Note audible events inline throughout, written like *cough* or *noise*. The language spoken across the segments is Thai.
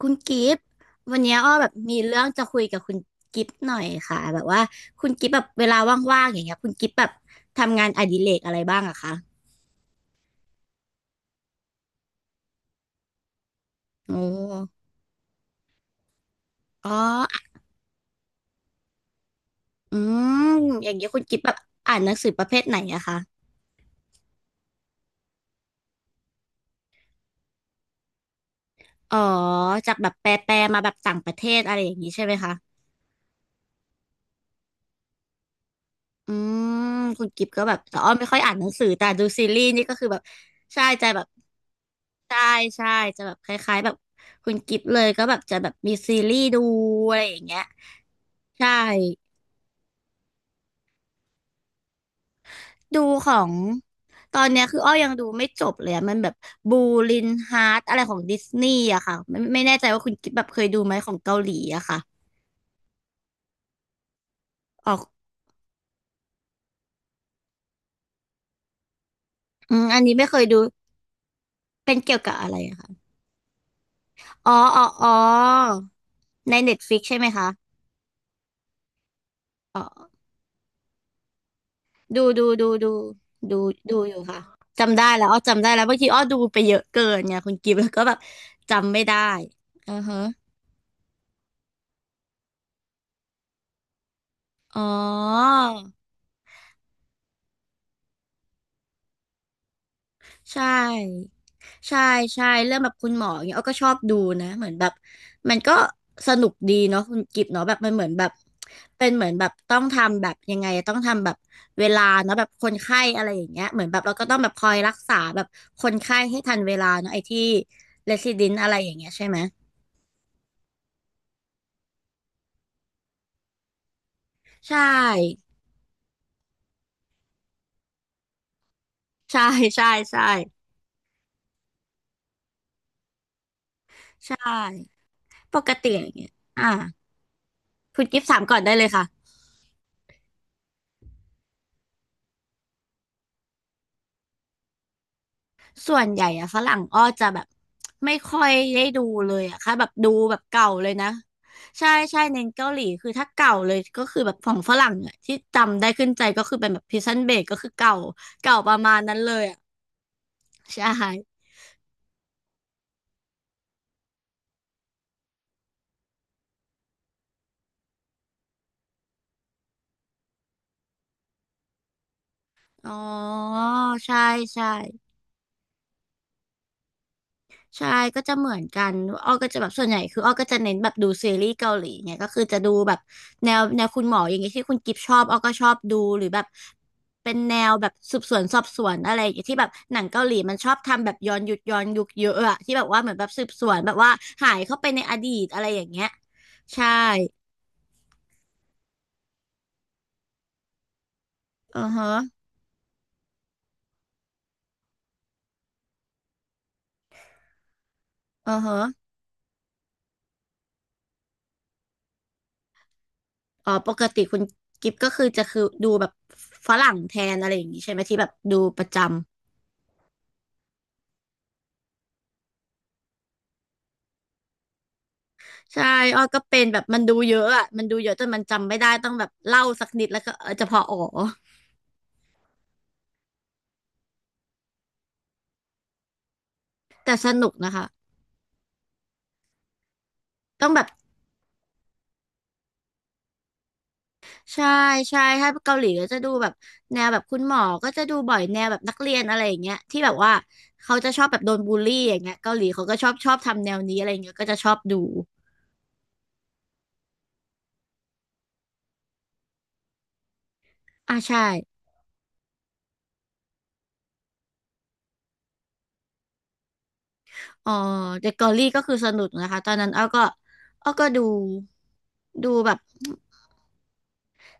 คุณกิฟต์วันเนี้ยอ้อแบบมีเรื่องจะคุยกับคุณกิฟต์หน่อยค่ะแบบว่าคุณกิฟต์แบบเวลาว่างๆอย่างเงี้ยคุณกิฟต์แบบทำงานอดิเรกอะไรบ้างอะคะโอ้อ๋ออืมอย่างเงี้ยคุณกิฟต์แบบอ่านหนังสือประเภทไหนอะคะอ๋อจากแบบแปลๆมาแบบต่างประเทศอะไรอย่างงี้ใช่ไหมคะ อืมคุณกิฟก็แบบแต่อ้อไม่ค่อยอ่านหนังสือแต่ดูซีรีส์นี่ก็คือแบบใช่ใจแบบใช่ใช่จะแบบคล้ายๆแบบคุณกิฟเลยก็แบบจะแบบมีซีรีส์ดูอะไรอย่างเงี้ยใช่ดูของตอนเนี้ยคืออ้อยังดูไม่จบเลยอะมันแบบบูลินฮาร์ตอะไรของดิสนีย์อะค่ะไม่แน่ใจว่าคุณกิฟแบบเคยดูไหมของเกาหลีอะค่ะออกอืมอันนี้ไม่เคยดูเป็นเกี่ยวกับอะไรอะค่ะอ๋ออ๋ออ๋อในเน็ตฟลิกใช่ไหมคะ ดูดูดูดูดูดูอยู่ค่ะจำได้แล้วอ้อจำได้แล้วบางทีอ้อดูไปเยอะเกินไงคุณกิฟต์แล้วก็แบบจำไม่ได้อือฮะอ๋อใช่ใช่ใช่เรื่องแบบคุณหมออย่างเงี้ยอ้อก็ชอบดูนะเหมือนแบบมันก็สนุกดีเนาะคุณกิฟต์เนาะแบบมันเหมือนแบบเป็นเหมือนแบบต้องทำแบบยังไงต้องทำแบบเวลาเนาะแบบคนไข้อะไรอย่างเงี้ยเหมือนแบบเราก็ต้องแบบคอยรักษาแบบคนไข้ให้ทันเวลาเนาะไอ้ที่เรซิเดนอะไรอย่างเงี้ยใช่ไหม ใช่ใช่ใช่ใช่ใช่ปกติอย่างเงี้ยอ่าคุณกิฟต์ถามก่อนได้เลยค่ะส่วนใหญ่อะฝรั่งอ้อจะแบบไม่ค่อยได้ดูเลยอะค่ะแบบดูแบบเก่าเลยนะใช่ใช่เน้นเกาหลีคือถ้าเก่าเลยก็คือแบบของฝรั่งอะที่จำได้ขึ้นใจก็คือเป็นแบบพิซันเบกก็คือเก่าเก่าประมาณนั้นเลยอะใช่อ๋อใช่ใช่ ใช่ก็จะเหมือนกันอ้อก็จะแบบส่วนใหญ่คืออ้อก็จะเน้นแบบดูซีรีส์เกาหลีเนี่ยก็คือจะดูแบบแนวแนวคุณหมออย่างเงี้ยที่คุณกิฟชอบอ้อก็ชอบดูหรือแบบเป็นแนวแบบสืบสวนสอบสวนอะไรอย่างเงี้ยที่แบบหนังเกาหลีมันชอบทำแบบย้อนยุคย้อนยุคเยอะอะที่แบบว่าเหมือนแบบสืบสวนแบบว่าหายเข้าไปในอดีตอะไรอย่างเงี้ยใช่อือฮะอือฮะอ๋อปกติคุณกิฟก็คือจะคือดูแบบฝรั่งแทนอะไรอย่างงี้ใช่ไหมที่แบบดูประจำ ใช่อ้อก็เป็นแบบมันดูเยอะอ่ะมันดูเยอะจนมันจำไม่ได้ ต้องแบบเล่าสักนิดแล้วก็เออจะพออ๋อแต่สนุกนะคะ ต้องแบบใช่ใช่ถ้าเกาหลีก็จะดูแบบแนวแบบคุณหมอก็จะดูบ่อยแนวแบบนักเรียนอะไรอย่างเงี้ยที่แบบว่าเขาจะชอบแบบโดนบูลลี่อย่างเงี้ยเกาหลีเขาก็ชอบชอบทำแนวนี้อะไรอย่างเงี้ยก็จะชอบดูอ่าใช่อ๋อเดอะเกาหลีก็คือสนุกนะคะตอนนั้นอ้อก็อ้อก็ดูดูแบบ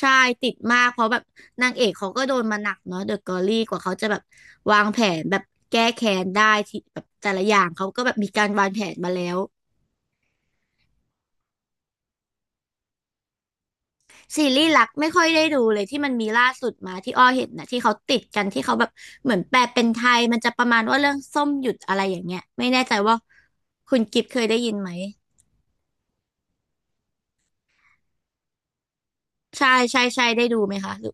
ใช่ติดมากเพราะแบบนางเอกเขาก็โดนมาหนักเนาะเดอะกอรี่กว่าเขาจะแบบวางแผนแบบแก้แค้นได้ที่แบบแต่ละอย่างเขาก็แบบมีการวางแผนมาแล้วซีรีส์รักไม่ค่อยได้ดูเลยที่มันมีล่าสุดมาที่อ้อเห็นนะที่เขาติดกันที่เขาแบบเหมือนแปลเป็นไทยมันจะประมาณว่าเรื่องส้มหยุดอะไรอย่างเงี้ยไม่แน่ใจว่าคุณกิฟเคยได้ยินไหมใช่ใช่ใช่ได้ดูไหมคะหรือ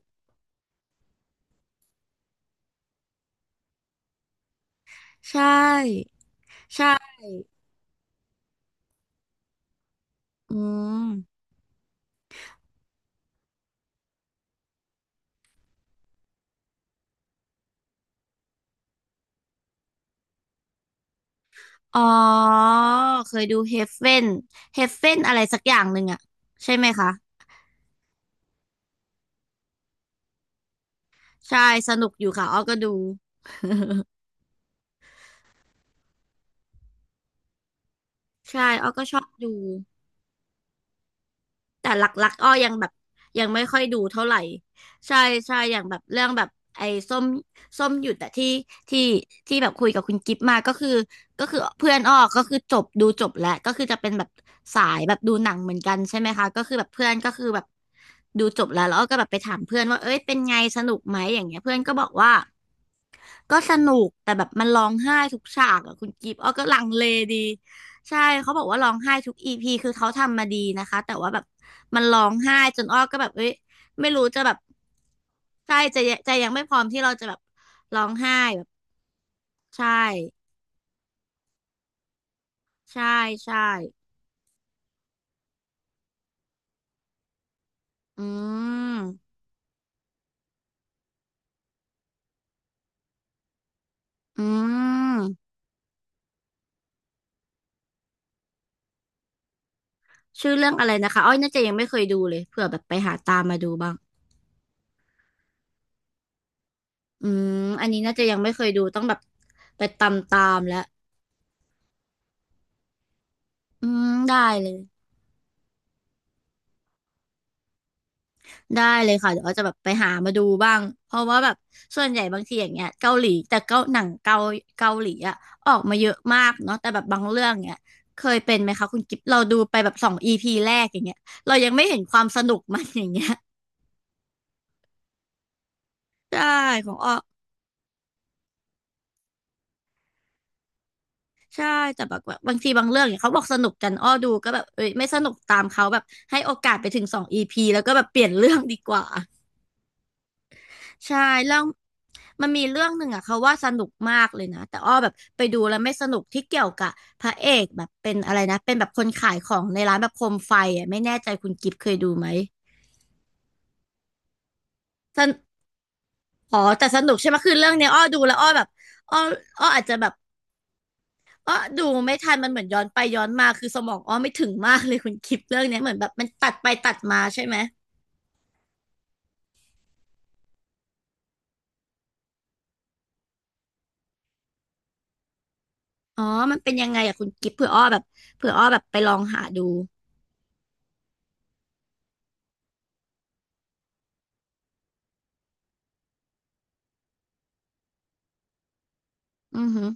ใช่ใช่อืม อ๋อ เคยดูเฮฟเ e นเฮฟเ e นอะไรสักอย่างหนึ่งอะใช่ไหมคะใช่สนุกอยู่ค่ะอ้อก็ดูใช่อ้อก็ชอบดู แต่หลักๆอ้อยังแบบยังไม่ค่อยดูเท่าไหร่ใช่ใช่อย่างแบบเรื่องแบบไอ้ส้มส้มหยุดแต่ที่ที่ที่แบบคุยกับคุณกิฟต์มาก็คือเพื่อนอ้อก็คือจบดูจบแล้วก็คือจะเป็นแบบสายแบบดูหนังเหมือนกันใช่ไหมคะก็คือแบบเพื่อนก็คือแบบดูจบแล้วแล้วอ้อก็แบบไปถามเพื่อนว่าเอ้ยเป็นไงสนุกไหมอย่างเงี้ยเพื่อนก็บอกว่า ก็สนุกแต่แบบมันร้องไห้ทุกฉากอะคุณกิฟต์อ้อก็ลังเลดีใช่เขาบอกว่าร้องไห้ทุกอีพีคือเขาทำมาดีนะคะแต่ว่าแบบมันร้องไห้จนอ้อก็แบบเอ้ยไม่รู้จะแบบใช่ใจะใจยังไม่พร้อมที่เราจะแบบร้องไห้แบบใช่ใช่ใช่อืมอืมชื่อเรื่องอะไรนะคะอ้อยน่าจะยังไม่เคยดูเลยเผื่อแบบไปหาตามมาดูบ้างอืมอันนี้น่าจะยังไม่เคยดูต้องแบบไปตามตามแล้วได้เลย ได้เลยค่ะเดี๋ยวอ้อจะแบบไปหามาดูบ้างเพราะว่าแบบส่วนใหญ่บางทีอย่างเงี้ยเกาหลีแต่เกาหนังเกาเกาหลีอะออกมาเยอะมากเนาะแต่แบบบางเรื่องเนี้ยเคยเป็นไหมคะคุณกิ๊บเราดูไปแบบสองอีพีแรกอย่างเงี้ยเรายังไม่เห็นความสนุกมัน *laughs* อย่างเงี้ยใช่ของอ้อใช่แต่แบบว่าบางทีบางเรื่องเนี่ยเขาบอกสนุกกันอ้อดูก็แบบเอ้ยไม่สนุกตามเขาแบบให้โอกาสไปถึงสองอีพีแล้วก็แบบเปลี่ยนเรื่องดีกว่า ใช่เรื่องมันมีเรื่องหนึ่งอะเขาว่าสนุกมากเลยนะแต่อ้อแบบไปดูแล้วไม่สนุกที่เกี่ยวกับพระเอกแบบเป็นอะไรนะเป็นแบบคนขายของในร้านแบบโคมไฟอะไม่แน่ใจคุณกิฟต์เคยดูไหมสนอ๋อแต่สนุกใช่ไหมคือเรื่องเนี้ยอ้อดูแล้วอ้อแบบอ้ออ้ออาจจะแบบอ้อดูไม่ทันมันเหมือนย้อนไปย้อนมาคือสมองอ้อไม่ถึงมากเลยคุณกิฟต์เรื่องเนี้ยเหมือนแบบมันตัดไปตัดมาใช่ไหมอ๋อมันเป็นยังไงอะคุณกิฟต์เผื่ออ้อแบบเผื่ออ้อแบบไปลองหาดูอือหือ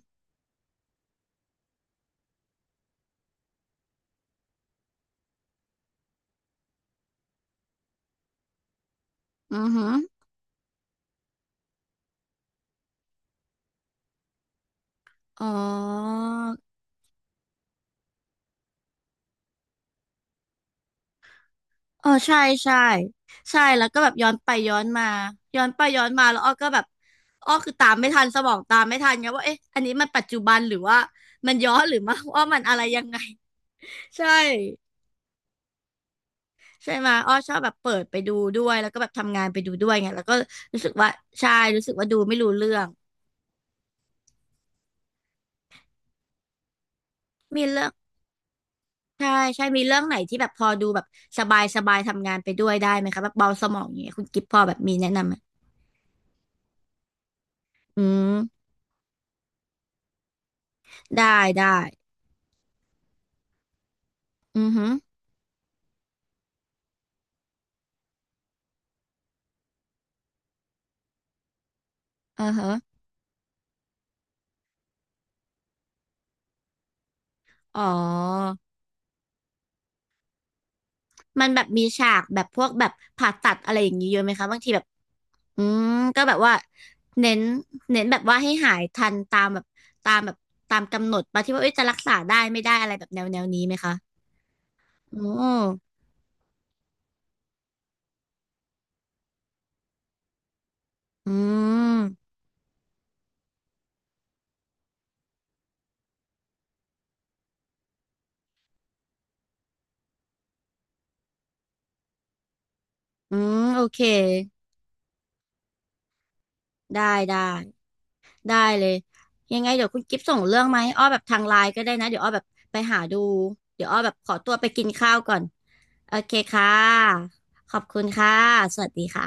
อือหืออ๋อ เออใช่ใช่ใช่แล้วก็แบบย้อนไปย้อนมาย้อนไปย้อนมาแล้วอ้อก็แบบอ้อคือตามไม่ทันสมองตามไม่ทันไงว่าเอ๊ะอันนี้มันปัจจุบันหรือว่ามันย้อนหรือว่าว่ามันอะไรยังไง *laughs* ใช่ใช่ไหมยอ้อชอบแบบเปิดไปดูด้วยแล้วก็แบบทำงานไปดูด้วยไงแล้วก็รู้สึกว่าใช่รู้สึกว่าดูไม่รู้เรื่องมีเรื่องใช่ใช่มีเรื่องไหนที่แบบพอดูแบบสบายสบายทำงานไปด้วยได้ไหมคะแบบเบาสมองอย่างเงี้ยคุณกิฟพอแบบมีแนะนำไหมอืมได้ได้อือฮึอือฮะ อ๋อ มันแบบมีฉากแบบพวกแบบผ่าตัดอะไรอย่างนี้เยอะไหมคะบางทีแบบอืมก็แบบว่าเน้นเน้นแบบว่าให้หายทันตามแบบตามแบบตามกำหนดปะที่ว่าเอ้ยจะรักษาได้ไม่ได้อะไรแบบแนวแนวนี้ไหมคะอ๋ออืมอืมโอเคได้ได้ได้เลยยังไงเดี๋ยวคุณกิฟต์ส่งเรื่องมาให้อ้อแบบทางไลน์ก็ได้นะเดี๋ยวอ้อแบบไปหาดูเดี๋ยวอ้อแบบขอตัวไปกินข้าวก่อนโอเคค่ะขอบคุณค่ะสวัสดีค่ะ